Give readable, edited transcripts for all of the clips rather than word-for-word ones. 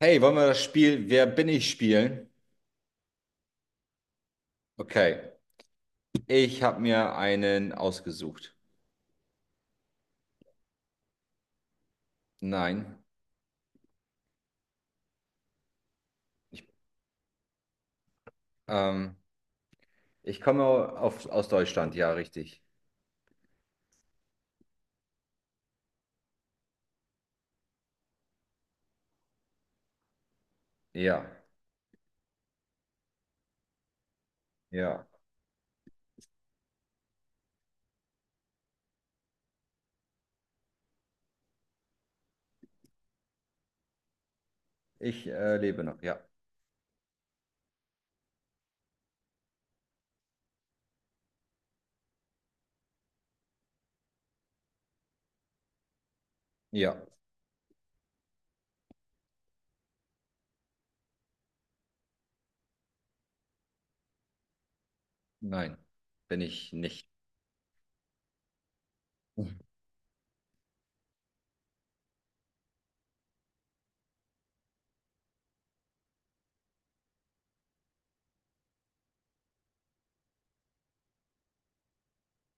Hey, wollen wir das Spiel Wer bin ich spielen? Okay, ich habe mir einen ausgesucht. Nein, ich, ähm, ich komme aus Deutschland, ja, richtig. Ja, ja. Ich lebe noch, ja. Ja, nein, bin ich nicht.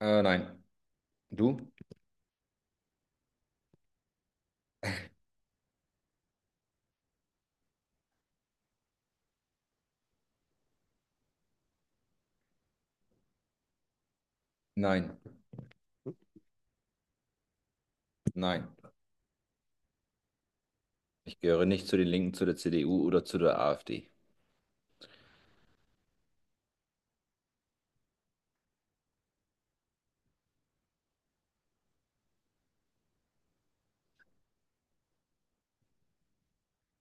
Nein. Du? Nein, nein. Ich gehöre nicht zu den Linken, zu der CDU oder zu der AfD.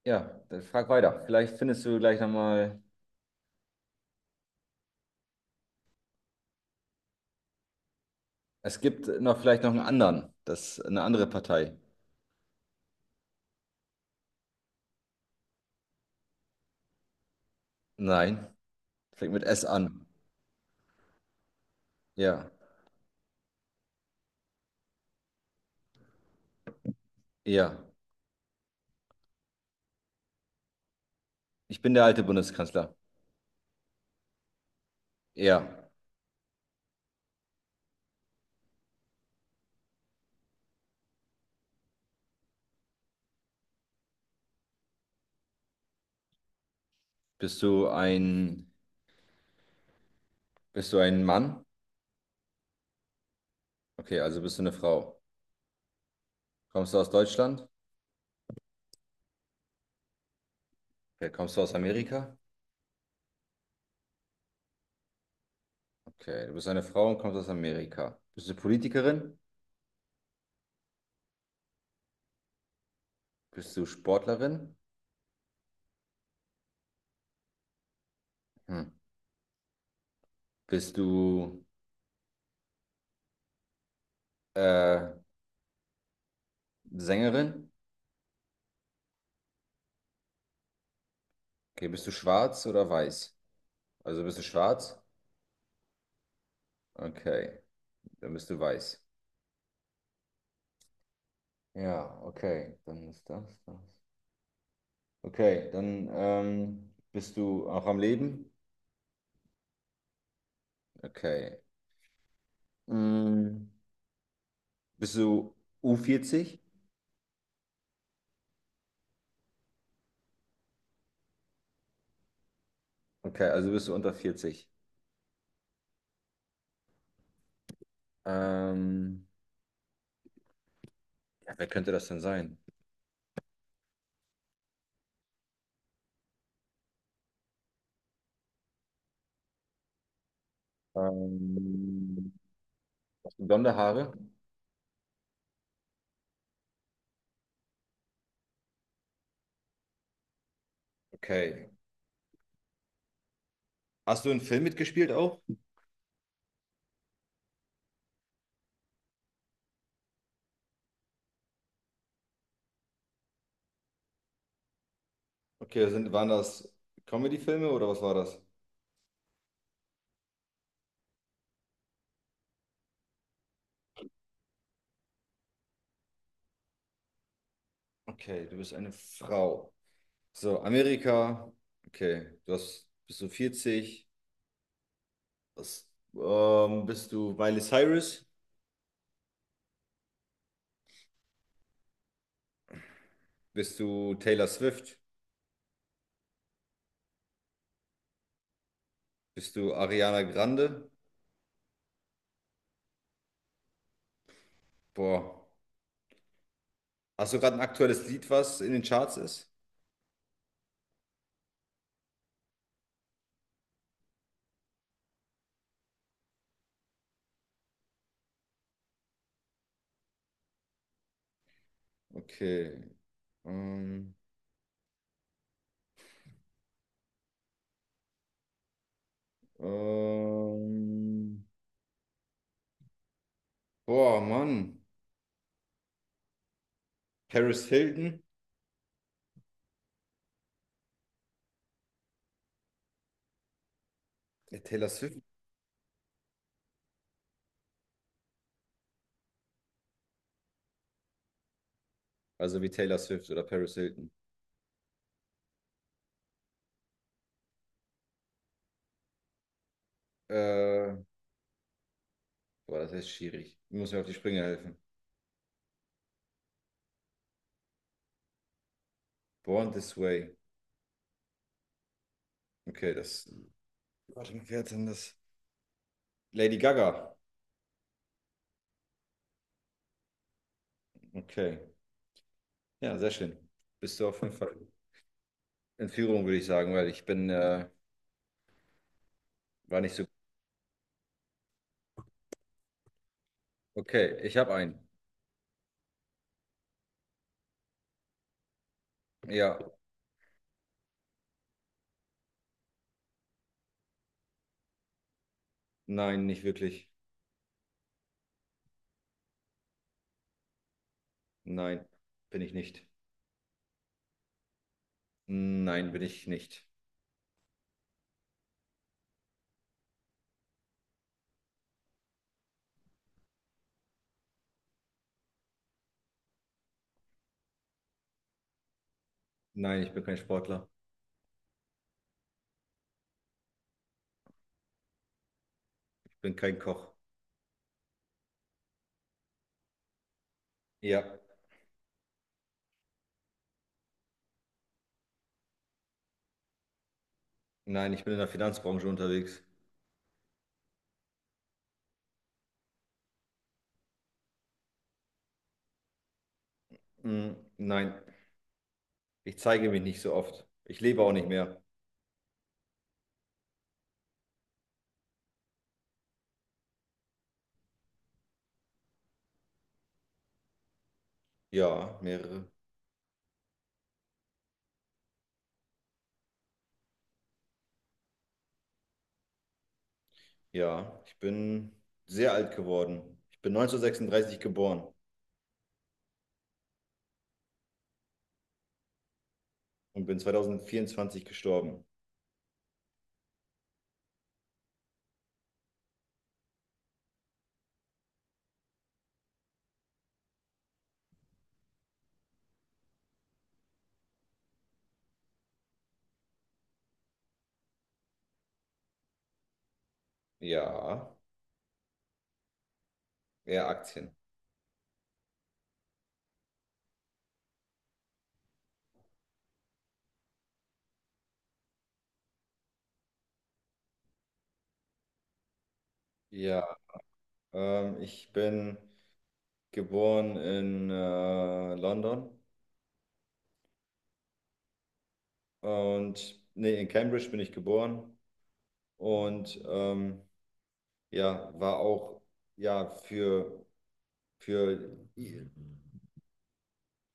Ja, dann frag weiter. Vielleicht findest du gleich nochmal. Es gibt noch vielleicht noch einen anderen, das eine andere Partei. Nein. Fängt mit S an. Ja, ja. Ich bin der alte Bundeskanzler. Ja. Bist du ein, Bist du ein Mann? Okay, also bist du eine Frau. Kommst du aus Deutschland? Okay, kommst du aus Amerika? Okay, du bist eine Frau und kommst aus Amerika. Bist du Politikerin? Bist du Sportlerin? Hm. Bist du äh, Sängerin? Okay, bist du schwarz oder weiß? Also bist du schwarz? Okay, dann bist du weiß. Ja, okay, dann ist das das. Okay, dann bist du auch am Leben? Okay. Mm, bist du U40? Okay, also bist du unter 40. Ähm, ja, wer könnte das denn sein? Ähm, Hast du blonde Haare? Okay. Hast du einen Film mitgespielt auch? Okay, waren das Comedy-Filme oder was war das? Okay, du bist eine Frau. So, Amerika. Okay, bist du 40? Was, Bist du Miley Cyrus? Bist du Taylor Swift? Bist du Ariana Grande? Boah. Hast du gerade ein aktuelles Lied, was in den Charts ist? Okay. Ähm, ähm, Boah, Mann. Paris Hilton? Ja, Taylor Swift? Also wie Taylor Swift oder Paris Hilton. Äh, Boah, das ist schwierig. Du musst mir auf die Sprünge helfen. Born This Way. Okay, das. Warte mal, wer hat denn das? Lady Gaga. Okay. Ja, sehr schön. Bist du auf jeden Fall in Führung, würde ich sagen, weil ich bin war nicht so. Okay, ich habe einen. Ja, nein, nicht wirklich. Nein, bin ich nicht. Nein, bin ich nicht. Nein, ich bin kein Sportler. Ich bin kein Koch. Ja, nein, ich bin in der Finanzbranche unterwegs. Mm, nein, ich zeige mich nicht so oft. Ich lebe auch nicht mehr. Ja, mehrere. Ja, ich bin sehr alt geworden. Ich bin 1936 geboren und bin 2024 gestorben. Ja, eher Aktien. Ja, ich bin geboren in London und nee, in Cambridge bin ich geboren und ja, war auch ja für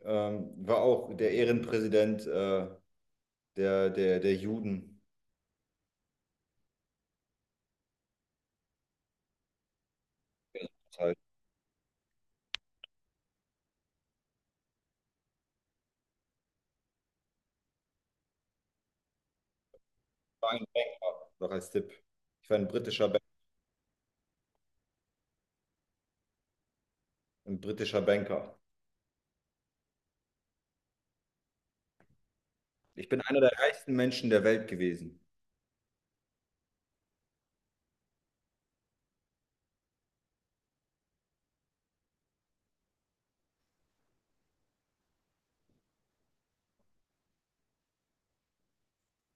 war auch der Ehrenpräsident der Juden. Das heißt, ich war ein Banker, noch als Tipp. Ich war ein britischer Banker. Ich bin einer der reichsten Menschen der Welt gewesen.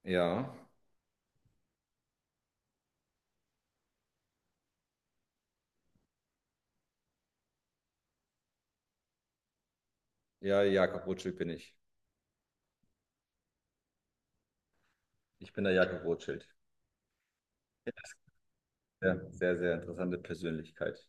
Ja, ja, Jakob Rothschild bin ich. Ich bin der Jakob Rothschild. Ja, sehr, sehr interessante Persönlichkeit.